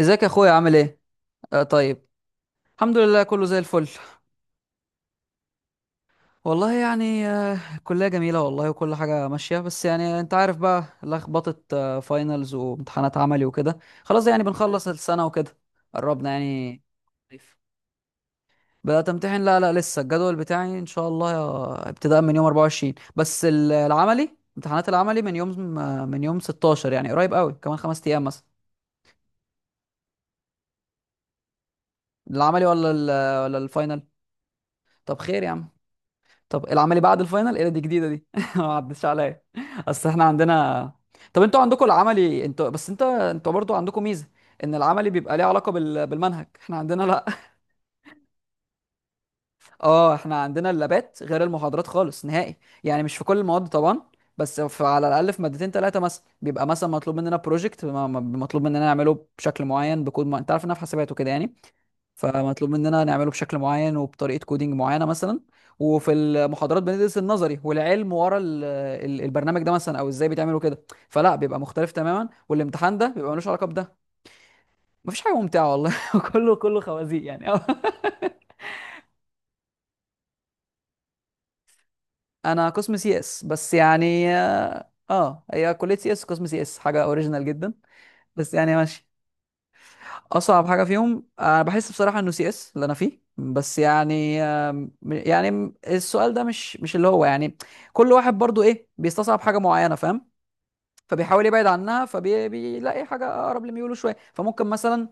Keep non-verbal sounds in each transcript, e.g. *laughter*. ازيك يا اخويا عامل ايه؟ آه، طيب. الحمد لله، كله زي الفل. والله يعني الكلية جميلة والله، وكل حاجة ماشية، بس يعني انت عارف بقى لخبطة فاينلز وامتحانات عملي وكده. خلاص يعني بنخلص السنة وكده، قربنا يعني. بدأت امتحن، لا لا لسه. الجدول بتاعي ان شاء الله ابتداء من يوم 24، بس العملي، امتحانات العملي من يوم من يوم 16، يعني قريب قوي كمان خمس ايام مثلا. العملي ولا ولا الفاينل؟ طب خير يا عم. طب العملي بعد الفاينل؟ ايه ده، دي جديده دي *laughs* ما عدتش عليا. اصل احنا عندنا. طب انتوا عندكم العملي انتوا، بس انت انتوا برضو عندكم ميزه ان العملي بيبقى ليه علاقه بالمنهج، احنا عندنا لا. *laughs* اه، احنا عندنا اللابات غير المحاضرات خالص نهائي. يعني مش في كل المواد طبعا، بس في على الاقل في مادتين ثلاثه مثلا بيبقى مثلا مطلوب مننا بروجكت، مطلوب مننا نعمله بشكل معين بكود، ما... انت عارف انها في حسابات وكده يعني. فمطلوب مننا نعمله بشكل معين وبطريقه كودينج معينه مثلا. وفي المحاضرات بندرس النظري والعلم ورا البرنامج ده مثلا، او ازاي بيتعملوا كده. فلا، بيبقى مختلف تماما، والامتحان ده بيبقى ملوش علاقه بده. مفيش حاجه ممتعه والله. *laughs* كله كله خوازيق يعني. *laughs* انا قسم سي اس، بس يعني اه هي كليه سي اس قسم سي اس، حاجه اوريجينال جدا. بس يعني ماشي. اصعب حاجه فيهم انا بحس بصراحه انه سي اس اللي انا فيه، بس يعني يعني السؤال ده مش اللي هو يعني. كل واحد برضو ايه بيستصعب حاجه معينه، فاهم؟ فبيحاول يبعد عنها، فبيلاقي حاجه اقرب لميوله شويه، فممكن مثلا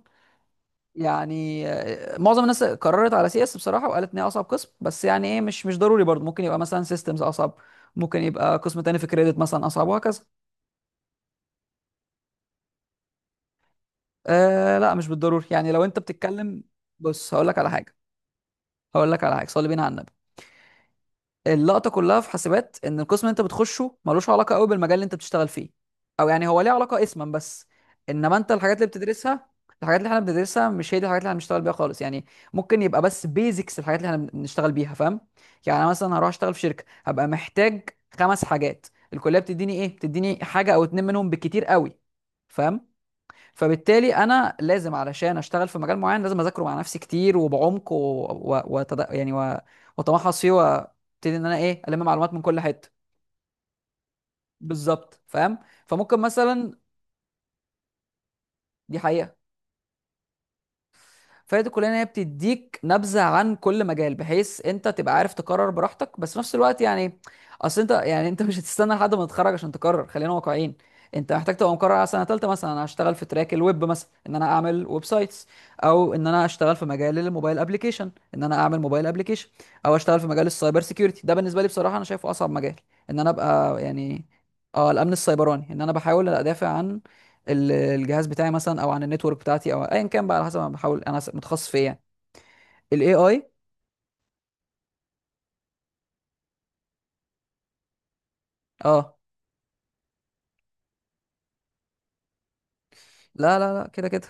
يعني معظم الناس قررت على سي اس بصراحه، وقالت ان هي اصعب قسم، بس يعني ايه، مش ضروري برضو. ممكن يبقى مثلا سيستمز اصعب، ممكن يبقى قسم تاني في كريدت مثلا اصعب، وهكذا. آه لا، مش بالضروري. يعني لو انت بتتكلم، بص هقول لك على حاجه. هقول لك على حاجه، صلي بينا على النبي. اللقطه كلها في حاسبات ان القسم اللي انت بتخشه ملوش علاقه قوي بالمجال اللي انت بتشتغل فيه، او يعني هو ليه علاقه اسما بس. انما انت الحاجات اللي بتدرسها، الحاجات اللي احنا بندرسها مش هي دي الحاجات اللي هنشتغل بيها خالص يعني. ممكن يبقى بس بيزكس الحاجات اللي احنا بنشتغل بيها، فاهم؟ يعني انا مثلا هروح اشتغل في شركه، هبقى محتاج خمس حاجات، الكليه بتديني ايه؟ بتديني حاجه او اتنين منهم بالكتير قوي، فاهم؟ فبالتالي انا لازم علشان اشتغل في مجال معين لازم اذاكره مع نفسي كتير وبعمق، و... و... وتد... يعني و... واتمحص فيه، وابتدي ان انا ايه الم معلومات من كل حته. بالظبط، فاهم. فممكن مثلا، دي حقيقه. فهي دي كلها ان هي بتديك نبذه عن كل مجال، بحيث انت تبقى عارف تقرر براحتك. بس في نفس الوقت يعني، اصل انت *laughs* يعني انت مش هتستنى لحد ما تتخرج عشان تقرر، خلينا واقعيين. انت محتاج تبقى مقرر على سنه ثالثه مثلا انا هشتغل في تراك الويب مثلا، ان انا اعمل ويب سايتس، او ان انا اشتغل في مجال الموبايل ابلكيشن، ان انا اعمل موبايل ابلكيشن، او اشتغل في مجال السايبر سيكيورتي. ده بالنسبه لي بصراحه انا شايفه اصعب مجال، ان انا ابقى يعني اه الامن السيبراني، ان انا بحاول ادافع عن الجهاز بتاعي مثلا، او عن النتورك بتاعتي، او ايا كان بقى على حسب انا بحاول انا متخصص في ايه يعني. الاي اي. اه، لا كده كده.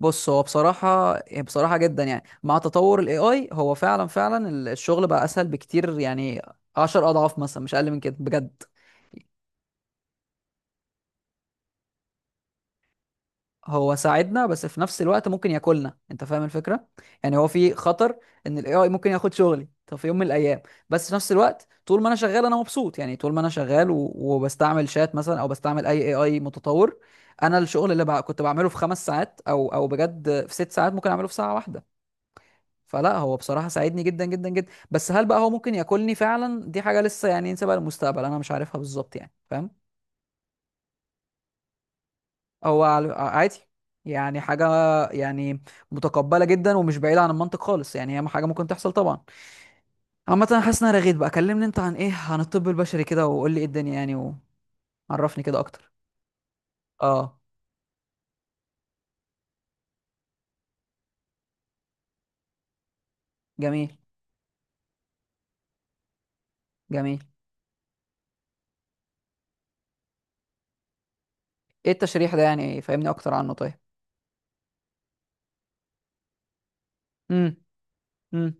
بص هو بصراحة، بصراحة جدا يعني، مع تطور الاي اي هو فعلا فعلا الشغل بقى اسهل بكتير يعني، عشر اضعاف مثلا مش اقل من كده بجد. هو ساعدنا، بس في نفس الوقت ممكن ياكلنا، انت فاهم الفكره؟ يعني هو في خطر ان الاي اي ممكن ياخد شغلي طب في يوم من الايام. بس في نفس الوقت طول ما انا شغال انا مبسوط يعني. طول ما انا شغال وبستعمل شات مثلا، او بستعمل اي اي اي متطور، انا الشغل اللي كنت بعمله في خمس ساعات، او بجد في ست ساعات، ممكن اعمله في ساعه واحده. فلا، هو بصراحه ساعدني جدا جدا جدا. بس هل بقى هو ممكن ياكلني فعلا؟ دي حاجه لسه يعني نسيبها للمستقبل، انا مش عارفها بالظبط يعني، فاهم؟ هو عادي يعني، حاجة يعني متقبلة جدا ومش بعيدة عن المنطق خالص يعني. هي حاجة ممكن تحصل طبعا. عامة أنا حاسس إن أنا رغيت بقى. كلمني أنت عن إيه؟ عن الطب البشري كده، وقول لي إيه الدنيا يعني، وعرفني كده أكتر. أه جميل، جميل. إيه التشريح ده يعني؟ فهمني أكتر عنه طيب. امم. امم.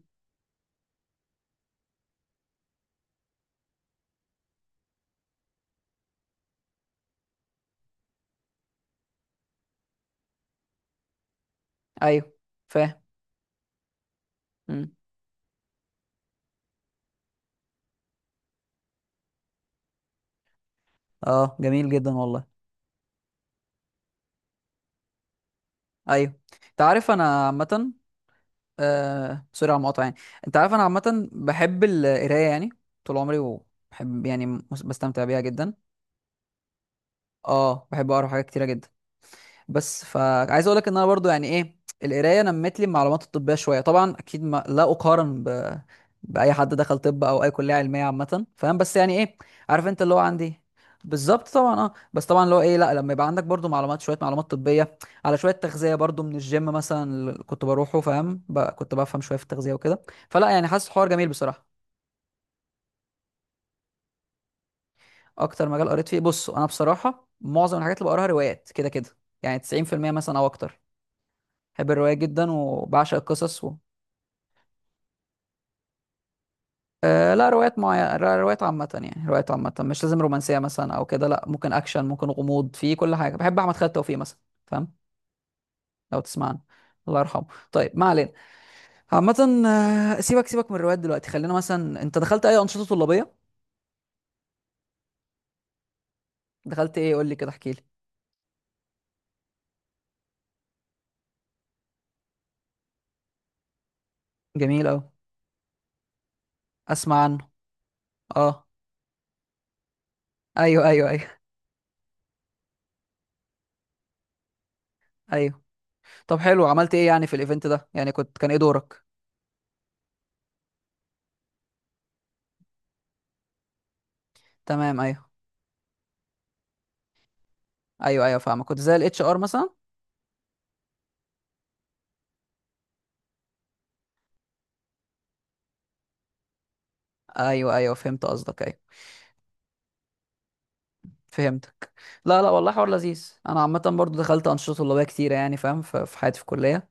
أيوه، فاهم. امم. أه جميل جدا والله. أيوه. أنت عارف أنا عامة، آه سوري على المقاطعة يعني، انت عارف انا عامة بحب القراية يعني، طول عمري، وبحب يعني بستمتع بيها جدا. اه، بحب اقرا حاجات كتيرة جدا. بس فعايز اقول لك ان انا برضو يعني ايه، القرايه نمت لي المعلومات الطبيه شويه طبعا، اكيد ما لا اقارن باي حد دخل طب او اي كليه علميه عامه، فاهم؟ بس يعني ايه، عارف انت اللي هو عندي. بالظبط طبعا. اه بس طبعا اللي هو ايه، لا لما يبقى عندك برضو معلومات شويه، معلومات طبيه، على شويه تغذيه برضو من الجيم مثلا اللي كنت بروحه، فاهم؟ كنت بفهم شويه في التغذيه وكده. فلا يعني حاسس حوار جميل بصراحه. اكتر مجال قريت فيه، بص انا بصراحه معظم الحاجات اللي بقراها روايات كده كده، يعني 90% مثلا او اكتر. بحب الرواية جدا وبعشق القصص آه لا، روايات معينة، روايات عامة. يعني روايات عامة مش لازم رومانسية مثلا أو كده، لا. ممكن أكشن، ممكن غموض، في كل حاجة. بحب أحمد خالد توفيق مثلا. فاهم؟ لو تسمع عنه. الله يرحمه. طيب ما علينا. عامة سيبك سيبك من الروايات دلوقتي. خلينا مثلا، أنت دخلت أي أنشطة طلابية؟ دخلت إيه؟ قول لي كده، احكي لي. جميل أوي. أسمع عنه. أه. أيوه أيوه أيوه. أيوه. طب حلو، عملت إيه يعني في الإيفنت ده يعني؟ كنت، كان إيه دورك؟ تمام. أيوه أيوه أيوه، فاهمك. كنت زي الاتش ار مثلا. ايوه ايوه فهمت قصدك، ايوه. فهمتك. لا لا والله حوار لذيذ. انا عامه برضو دخلت انشطه طلابيه كتيره يعني، فاهم؟ في حياتي في الكليه.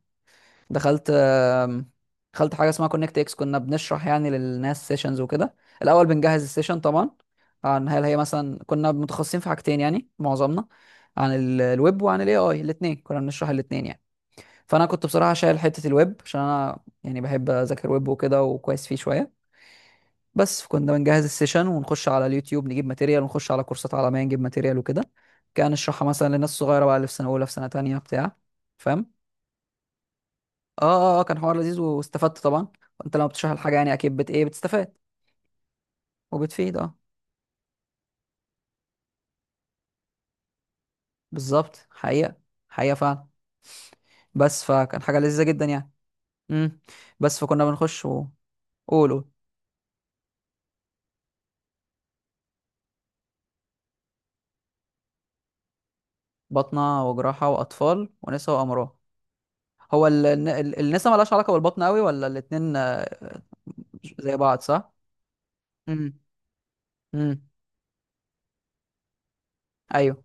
دخلت دخلت حاجه اسمها كونكت اكس، كنا بنشرح يعني للناس سيشنز وكده. الاول بنجهز السيشن طبعا، عن هل هي مثلا، كنا متخصصين في حاجتين يعني معظمنا، عن الويب وعن الاي اي. الاثنين كنا بنشرح، الاثنين يعني. فانا كنت بصراحه شايل حته الويب، عشان انا يعني بحب اذاكر ويب وكده، وكويس فيه شويه. بس كنا بنجهز السيشن ونخش على اليوتيوب نجيب ماتيريال، ونخش على كورسات عالمية نجيب ماتيريال وكده. كان نشرحها مثلا للناس الصغيرة بقى، اللي في سنة أولى في سنة تانية بتاع. فاهم؟ اه اه اه، كان حوار لذيذ واستفدت طبعا. وانت لما بتشرح الحاجة يعني أكيد بت ايه، بتستفاد وبتفيد. اه بالظبط. حقيقة، حقيقة فعلا. بس فكان حاجة لذيذة جدا يعني. امم. بس فكنا بنخش وقولوا. بطنة وجراحة وأطفال ونساء وأمراض. هو النساء ملهاش علاقة بالبطن قوي؟ ولا الاتنين زي بعض صح؟ امم. امم. ايوه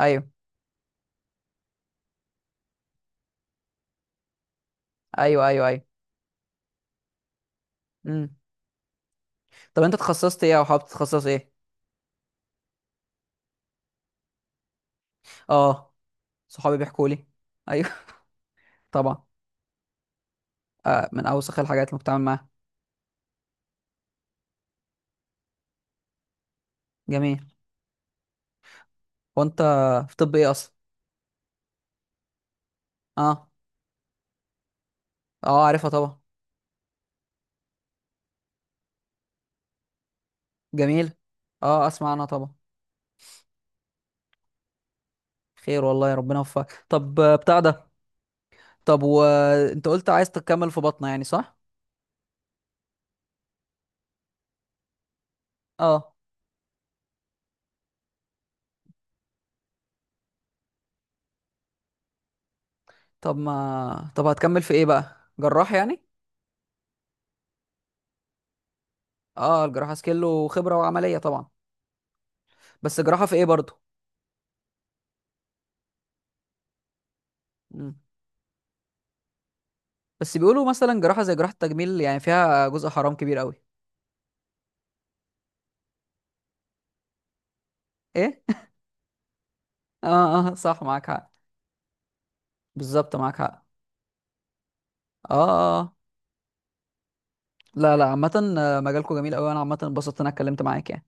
ايوه ايوه. ايوه. ايوه. امم. طب انت اتخصصت ايه او حابب تتخصص ايه؟ اه صحابي بيحكوا لي. ايوه. *laughs* طبعا. آه من اوسخ الحاجات اللي بتعامل معاها. جميل. وانت في طب ايه اصلا؟ اه. اه عارفها طبعا. جميل. اه اسمع عنها طبعا. خير والله، ربنا يوفقك. طب بتاع ده، طب وانت قلت عايز تكمل في بطنه يعني صح؟ اه. طب ما طب هتكمل في ايه بقى، جراح يعني؟ اه الجراحه سكيل وخبره وعمليه طبعا. بس جراحه في ايه برضو؟ مم. بس بيقولوا مثلا جراحة زي جراحة التجميل يعني فيها جزء حرام كبير قوي. ايه. *laughs* اه اه صح، معاك حق. بالظبط، معاك حق. اه اه آه. لا لا عامة مجالكم جميل قوي، انا عامة انبسطت إن انا اتكلمت معاك يعني.